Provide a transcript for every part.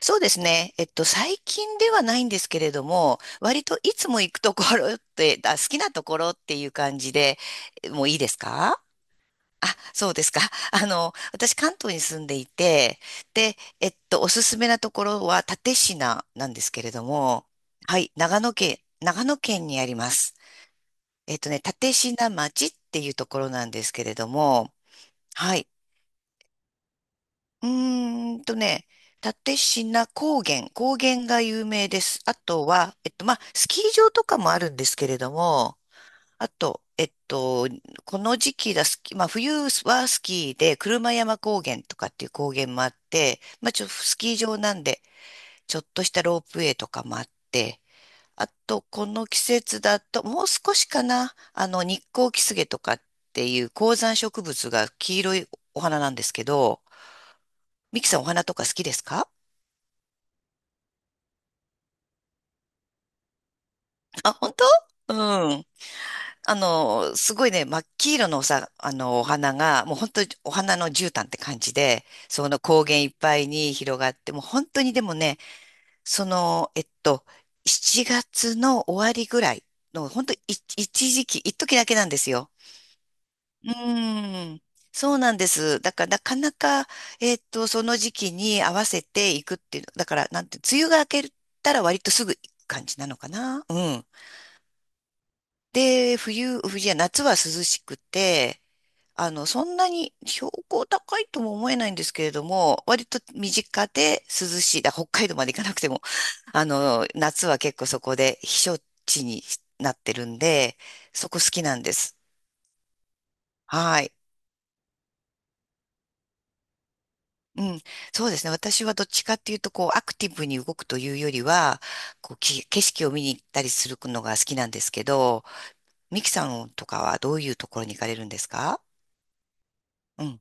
そうですね。最近ではないんですけれども、割といつも行くところって、好きなところっていう感じで、もういいですか？あ、そうですか。私、関東に住んでいて、で、おすすめなところは蓼科なんですけれども、はい、長野県にあります。えっとね、蓼科町っていうところなんですけれども、はい。うーんとね、蓼科高原、高原が有名です。あとは、まあ、スキー場とかもあるんですけれども、あと、この時期だ、スキまあ、冬はスキーで、車山高原とかっていう高原もあって、まあ、スキー場なんで、ちょっとしたロープウェイとかもあって、あと、この季節だと、もう少しかな、日光キスゲとかっていう高山植物が黄色いお花なんですけど、ミキさんお花とか好きですか？あ、本当？うん。すごいね、真っ黄色のおさ、あの、お花が、もう本当にお花の絨毯って感じで、その高原いっぱいに広がって、もう本当にでもね、その、えっと、7月の終わりぐらいの、本当い一時だけなんですよ。うーん。そうなんです。だから、なかなか、その時期に合わせていくっていう、だから、なんて、梅雨が明けたら割とすぐ行く感じなのかな。うん。で、冬、冬じゃ、夏は涼しくて、そんなに標高高いとも思えないんですけれども、割と身近で涼しい。北海道まで行かなくても、夏は結構そこで避暑地になってるんで、そこ好きなんです。はい。うん。そうですね。私はどっちかっていうと、こう、アクティブに動くというよりは、こう、景色を見に行ったりするのが好きなんですけど、ミキさんとかはどういうところに行かれるんですか？うん。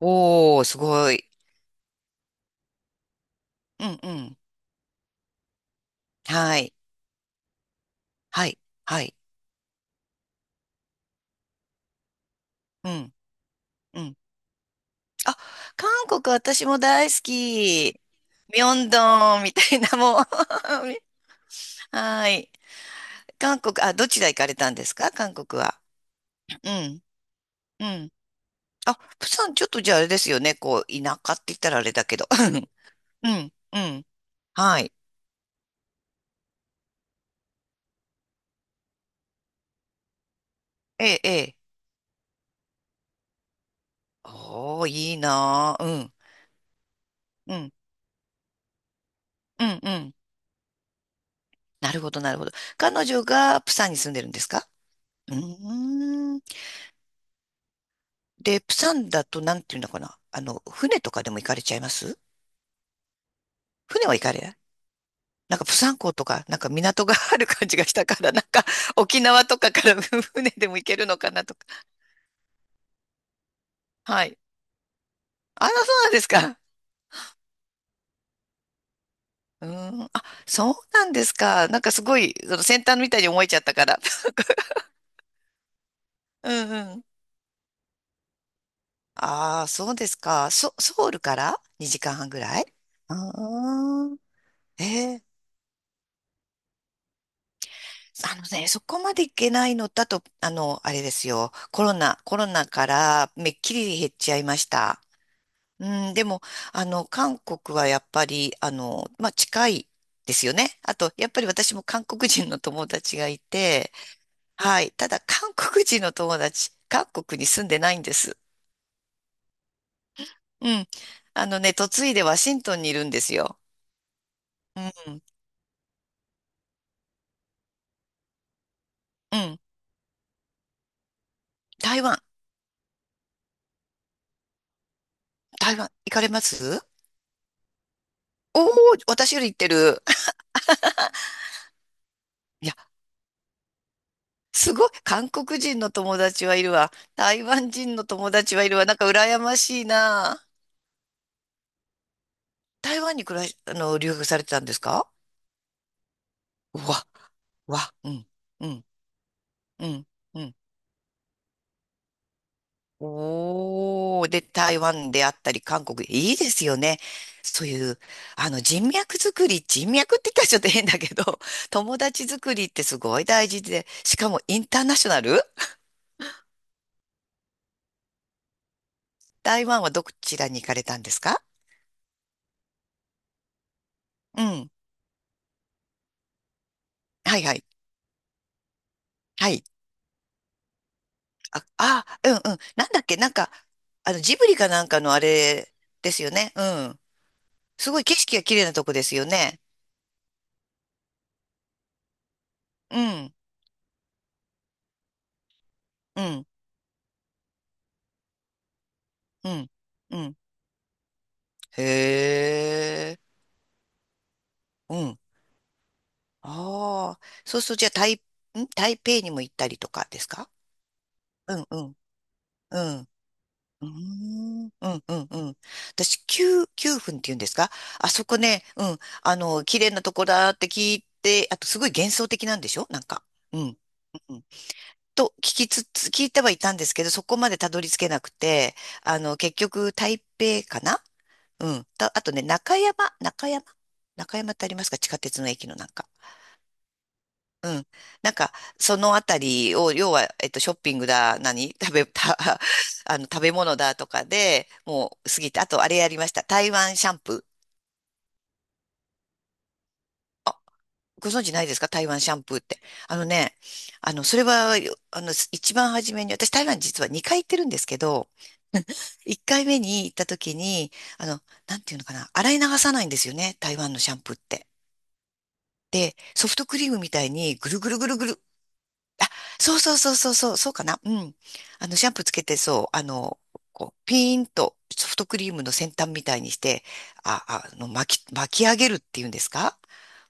おー、すごい。うんうん。はい。はい。はい。うん。うん。あ、韓国私も大好き。ミョンドンみたいなもう はい。韓国、あ、どちら行かれたんですか、韓国は。うん。うん。あ、プサンちょっとじゃああれですよね。こう、田舎って言ったらあれだけど。うん。うん。はい。ええ。おー、いいなあ。うん。うん。うん。うん。なるほど、なるほど。彼女がプサンに住んでるんですか？うーん。で、プサンだとなんていうのかな。あの、船とかでも行かれちゃいます？船は行かれない？なんかプサン港とか、なんか港がある感じがしたから、なんか沖縄とかから 船でも行けるのかなとか。はい。あら、そうなんですか。うーん。あ、そうなんですか。なんかすごい、その先端みたいに思えちゃったから。うんうん。ああ、そうですか。ソウルから2時間半ぐらい？ああー、えー、あのね、そこまでいけないのだと、あの、あれですよ。コロナからめっきり減っちゃいました。うん、でも、韓国はやっぱり、まあ、近いですよね。あと、やっぱり私も韓国人の友達がいて、はい。ただ、韓国人の友達、韓国に住んでないんです。うん。あのね、嫁いでワシントンにいるんですよ。うん、うん。台湾、台湾、行かれます？お、おー、私より行ってる。すごい、韓国人の友達はいるわ、台湾人の友達はいるわ。なんか羨ましいな。台湾に暮らし、あの、留学されてたんですか？うわ、わ、うん、うん、うん、うん。おー、で、台湾であったり、韓国、いいですよね。そういう、人脈作り、人脈って言ったらちょっと変だけど、友達作りってすごい大事で、しかもインターナショナル。台湾はどちらに行かれたんですか？うん、はいはい、はい。あ、あ、うんうん。なんだっけ、なんか、ジブリかなんかのあれですよね。うん。すごい景色が綺麗なとこですよね。うん、うん、うん、うん。へえ、うん。ああ、そうすると、じゃあ、台北にも行ったりとかですか？うんうん、うん。うーん、うん、うん、うん。私、九分っていうんですか？あそこね、うん。綺麗なとこだって聞いて、あと、すごい幻想的なんでしょ、なんか。うん。と聞きつつ、聞いてはいたんですけど、そこまでたどり着けなくて、あの、結局、台北かな。うん。たあとね、中山中山ってありますか、地下鉄の駅のなんか。うん。なんか、そのあたりを、要は、ショッピングだ、何食べ、食べ物だとかで、もう過ぎて、あと、あれやりました。台湾シャンプー。ご存知ないですか、台湾シャンプーって。あのね、あの、それは、よあの、一番初めに、私台湾実は2回行ってるんですけど、一回目に行った時に、あの、なんていうのかな、洗い流さないんですよね、台湾のシャンプーって。で、ソフトクリームみたいにぐるぐるぐるぐる。そうそうそうそうそう、そうかな。うん。シャンプーつけて、そう、こう、ピーンとソフトクリームの先端みたいにして、あ、巻き上げるっていうんですか？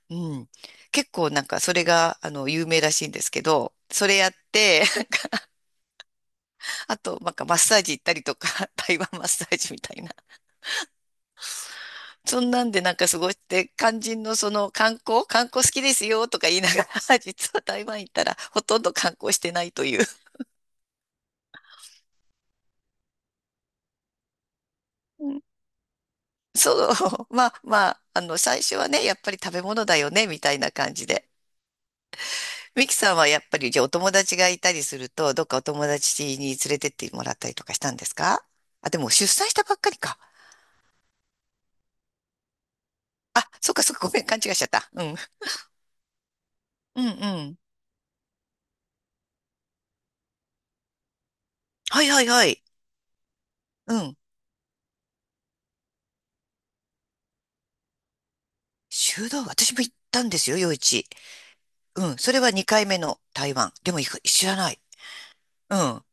うん。結構なんかそれが、有名らしいんですけど、それやって、あと、なんかマッサージ行ったりとか、台湾マッサージみたいな。そんなんでなんか過ごして、肝心のその観光好きですよとか言いながら、実は台湾行ったらほとんど観光してないという。うん。そう、まあまあ、最初はね、やっぱり食べ物だよね、みたいな感じで。ミキさんはやっぱり、じゃあお友達がいたりすると、どっかお友達に連れてってもらったりとかしたんですか？あ、でも出産したばっかりか。あ、そっかそっか、ごめん、勘違いしちゃった。うん。うんうん。はいはいはい。うん。修道、私も行ったんですよ、夜市。うん。それは2回目の台湾。でもいく知らない。うん。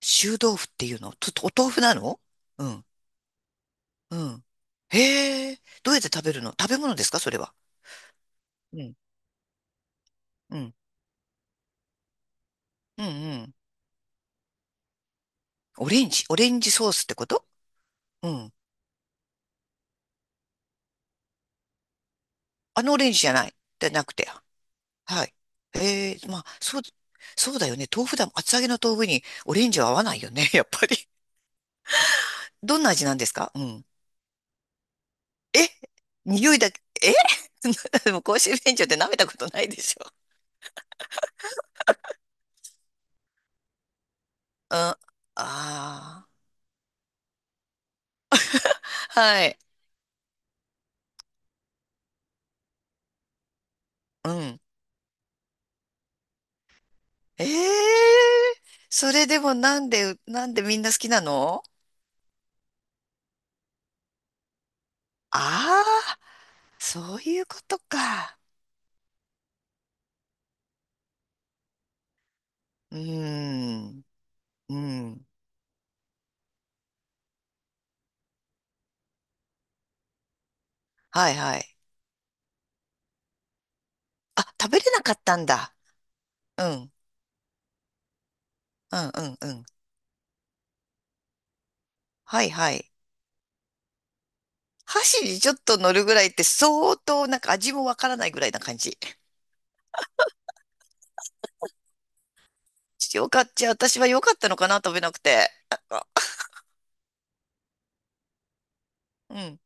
臭豆腐っていうのちょっとお豆腐なの？うん。うん。へえ。どうやって食べるの、食べ物ですかそれは。うん。うん。うんうん。オレンジオレンジソースってこと？うん。あのオレンジじゃない。じゃなくて。はい。へえ。まあ、そう、そうだよね。豆腐だもん。厚揚げの豆腐にオレンジは合わないよね。やっぱり。どんな味なんですか？うん。え、匂いだけ？え でも公衆便所って舐めたことないでし？ああー、はい。うん。ええ、それでもなんで、なんでみんな好きなの？ああー、そういうことか。うーん、うん。はいはい。あ、食べれなかったんだ。うん、うん、うん、うん。はいはい。箸にちょっと乗るぐらいって相当なんか味もわからないぐらいな感じ。よかった。じゃあ私は良かったのかな、食べなくて。なんか、うん。